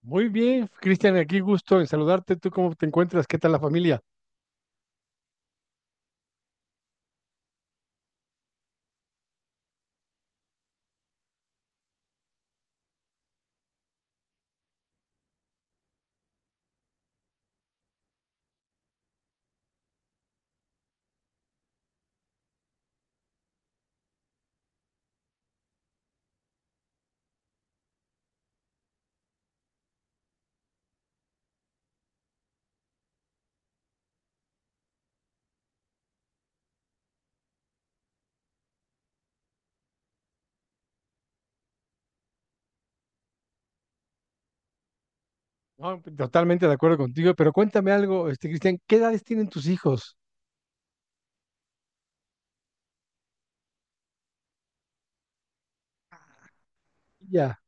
Muy bien, Cristian, aquí gusto en saludarte. ¿Tú cómo te encuentras? ¿Qué tal la familia? No, totalmente de acuerdo contigo, pero cuéntame algo, Cristian, ¿qué edades tienen tus hijos? Ya,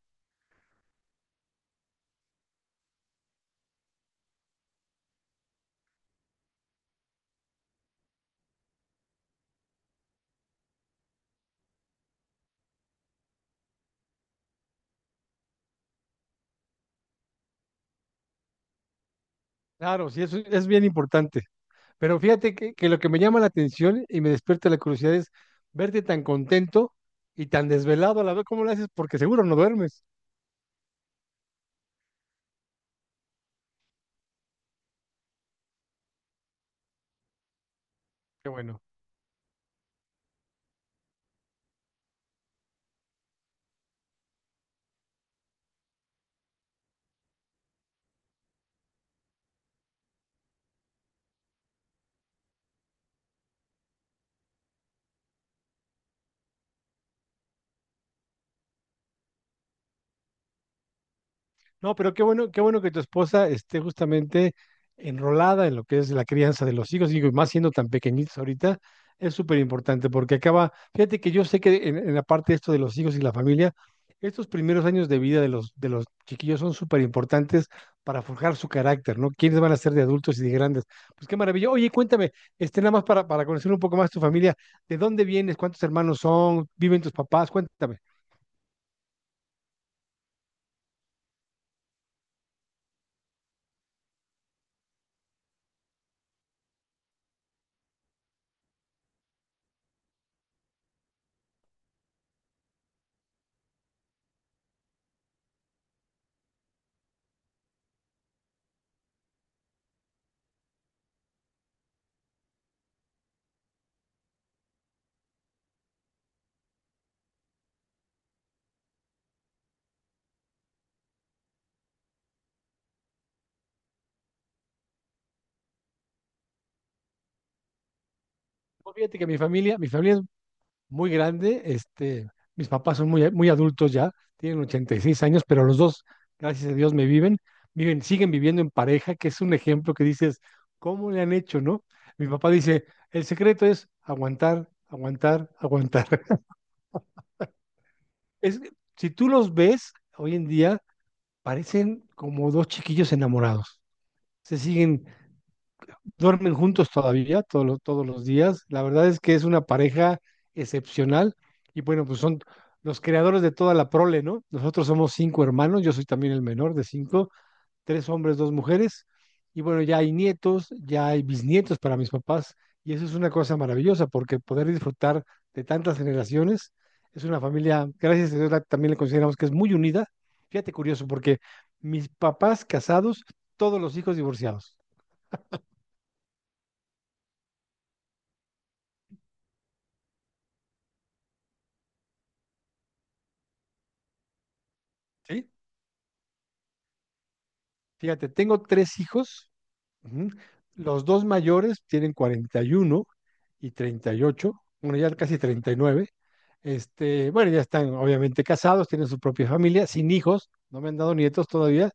claro, sí, eso es bien importante. Pero fíjate que lo que me llama la atención y me despierta la curiosidad es verte tan contento y tan desvelado a la vez. ¿Cómo lo haces? Porque seguro no duermes. Qué bueno. No, pero qué bueno que tu esposa esté justamente enrolada en lo que es la crianza de los hijos, digo, y más siendo tan pequeñitos ahorita, es súper importante porque acaba, fíjate que yo sé que en, la parte de esto de los hijos y la familia, estos primeros años de vida de los chiquillos son súper importantes para forjar su carácter, ¿no? ¿Quiénes van a ser de adultos y de grandes? Pues qué maravilla. Oye, cuéntame, nada más para, conocer un poco más tu familia, ¿de dónde vienes? ¿Cuántos hermanos son? ¿Viven tus papás? Cuéntame. No, fíjate que mi familia es muy grande. Mis papás son muy, muy adultos ya, tienen 86 años, pero los dos, gracias a Dios, me viven, siguen viviendo en pareja, que es un ejemplo que dices, ¿cómo le han hecho, no? Mi papá dice, el secreto es aguantar, aguantar, aguantar. Es, si tú los ves hoy en día, parecen como dos chiquillos enamorados. Se siguen Duermen juntos todavía, todos los días. La verdad es que es una pareja excepcional. Y bueno, pues son los creadores de toda la prole, ¿no? Nosotros somos cinco hermanos, yo soy también el menor de cinco, tres hombres, dos mujeres. Y bueno, ya hay nietos, ya hay bisnietos para mis papás. Y eso es una cosa maravillosa, porque poder disfrutar de tantas generaciones es una familia, gracias a Dios, también le consideramos que es muy unida. Fíjate curioso, porque mis papás casados, todos los hijos divorciados. ¿Sí? Fíjate, tengo tres hijos. Ujú. Los dos mayores tienen 41 y 38, bueno, ya casi 39. Bueno, ya están obviamente casados, tienen su propia familia, sin hijos, no me han dado nietos todavía.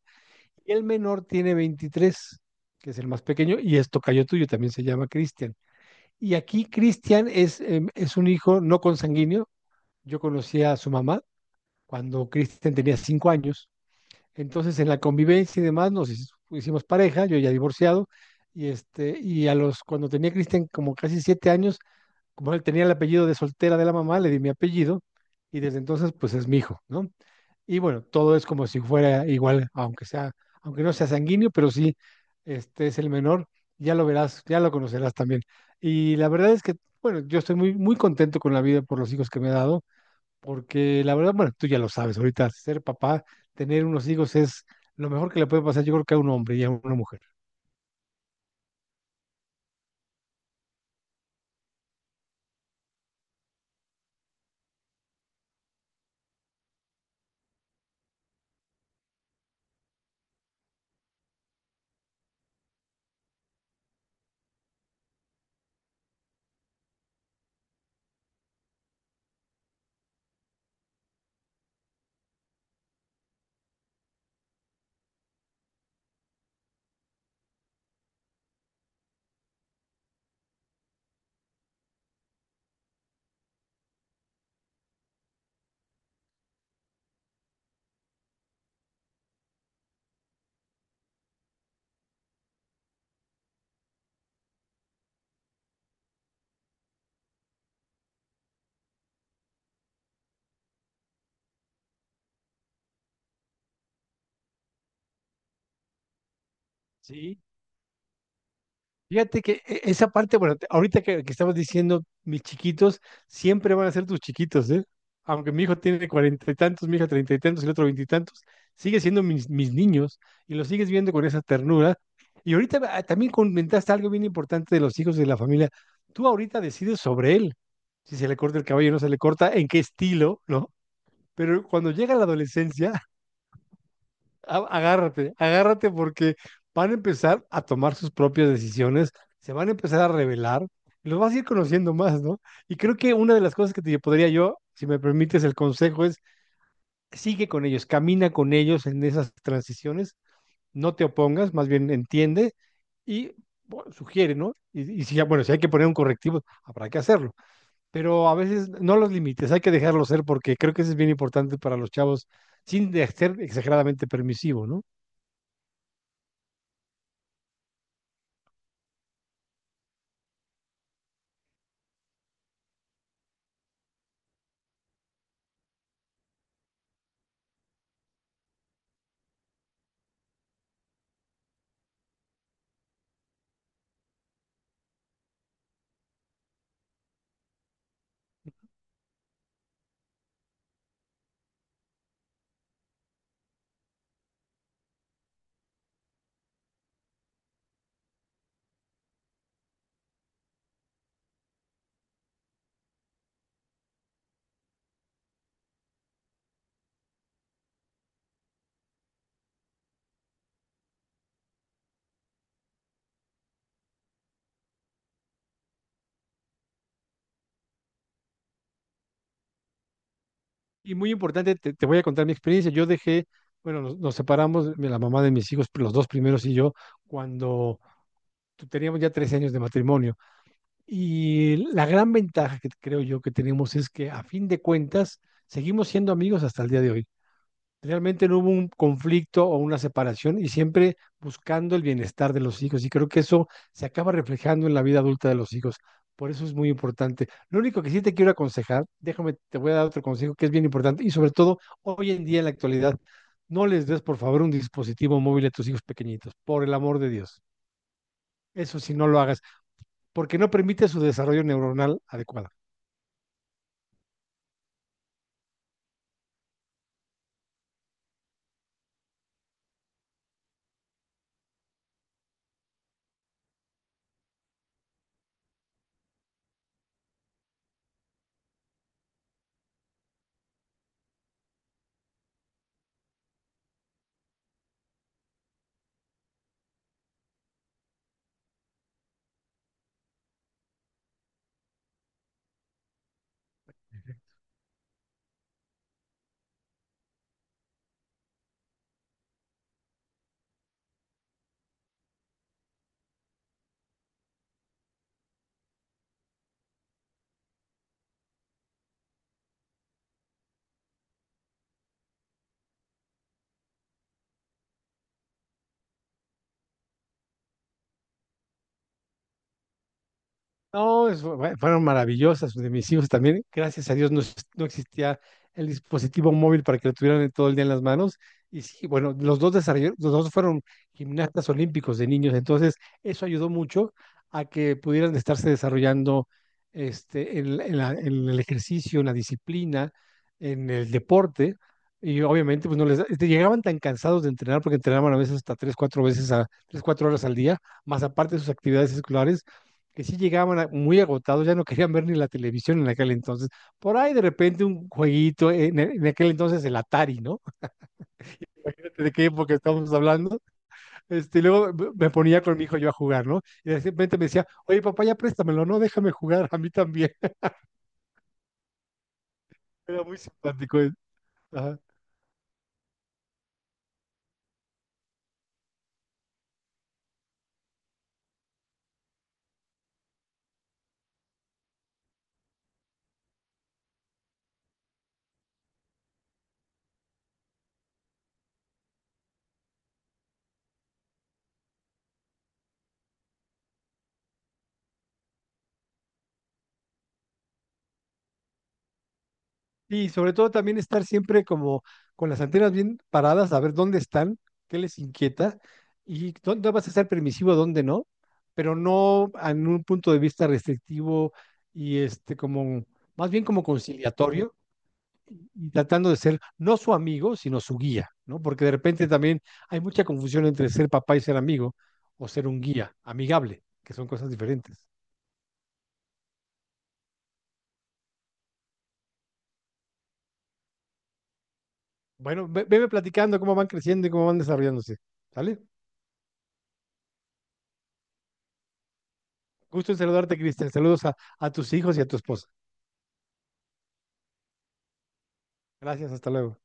Y el menor tiene 23, que es el más pequeño, y es tocayo tuyo, también se llama Cristian. Y aquí Cristian es un hijo no consanguíneo. Yo conocí a su mamá cuando Cristian tenía 5 años, entonces, en la convivencia y demás, nos hicimos pareja, yo ya divorciado, y cuando tenía Cristian como casi 7 años, como él tenía el apellido de soltera de la mamá, le di mi apellido, y desde entonces, pues es mi hijo, ¿no? Y bueno, todo es como si fuera igual, aunque sea, aunque no sea sanguíneo, pero sí, este es el menor, ya lo verás, ya lo conocerás también. Y la verdad es que, bueno, yo estoy muy, muy contento con la vida por los hijos que me ha dado porque la verdad, bueno, tú ya lo sabes, ahorita ser papá, tener unos hijos es lo mejor que le puede pasar, yo creo que a un hombre y a una mujer. ¿Sí? Fíjate que esa parte, bueno, ahorita que estabas diciendo, mis chiquitos siempre van a ser tus chiquitos, ¿eh? Aunque mi hijo tiene cuarenta y tantos, mi hija treinta y tantos, el otro veintitantos, sigue siendo mis niños y los sigues viendo con esa ternura. Y ahorita también comentaste algo bien importante de los hijos de la familia. Tú ahorita decides sobre él, si se le corta el cabello o no se le corta, en qué estilo, ¿no? Pero cuando llega la adolescencia, agárrate, agárrate porque van a empezar a tomar sus propias decisiones, se van a empezar a revelar, y los vas a ir conociendo más, ¿no? Y creo que una de las cosas que te podría yo, si me permites el consejo, es sigue con ellos, camina con ellos en esas transiciones, no te opongas, más bien entiende y bueno, sugiere, ¿no? Y si, bueno, si hay que poner un correctivo, habrá que hacerlo, pero a veces no los límites, hay que dejarlos ser porque creo que eso es bien importante para los chavos, sin ser exageradamente permisivo, ¿no? Y muy importante, te voy a contar mi experiencia. Bueno, nos separamos, la mamá de mis hijos, los dos primeros y yo, cuando teníamos ya 13 años de matrimonio. Y la gran ventaja que creo yo que tenemos es que a fin de cuentas seguimos siendo amigos hasta el día de hoy. Realmente no hubo un conflicto o una separación y siempre buscando el bienestar de los hijos. Y creo que eso se acaba reflejando en la vida adulta de los hijos. Por eso es muy importante. Lo único que sí te quiero aconsejar, déjame, te voy a dar otro consejo que es bien importante y sobre todo hoy en día en la actualidad, no les des por favor un dispositivo móvil a tus hijos pequeñitos, por el amor de Dios. Eso sí, no lo hagas, porque no permite su desarrollo neuronal adecuado. No, fueron maravillosas de mis hijos también. Gracias a Dios no, no existía el dispositivo móvil para que lo tuvieran todo el día en las manos. Y sí, bueno, los dos fueron gimnastas olímpicos de niños, entonces eso ayudó mucho a que pudieran estarse desarrollando en el ejercicio, en la disciplina, en el deporte. Y obviamente, pues no les este, llegaban tan cansados de entrenar porque entrenaban a veces hasta tres, cuatro veces a tres, cuatro horas al día, más aparte de sus actividades escolares que sí llegaban muy agotados, ya no querían ver ni la televisión en aquel entonces. Por ahí de repente un jueguito, en aquel entonces el Atari, ¿no? Fíjate, ¿de qué época estamos hablando? Y luego me ponía con mi hijo yo a jugar, ¿no? Y de repente me decía, oye papá, ya préstamelo, no, déjame jugar a mí también. Era muy simpático. Ajá. Y sobre todo también estar siempre como con las antenas bien paradas, a ver dónde están, qué les inquieta y dónde vas a ser permisivo, dónde no, pero no en un punto de vista restrictivo y como más bien como conciliatorio y tratando de ser no su amigo, sino su guía, ¿no? Porque de repente también hay mucha confusión entre ser papá y ser amigo o ser un guía amigable, que son cosas diferentes. Bueno, veme platicando cómo van creciendo y cómo van desarrollándose, ¿sale? Gusto en saludarte, Cristian. Saludos a tus hijos y a tu esposa. Gracias, hasta luego.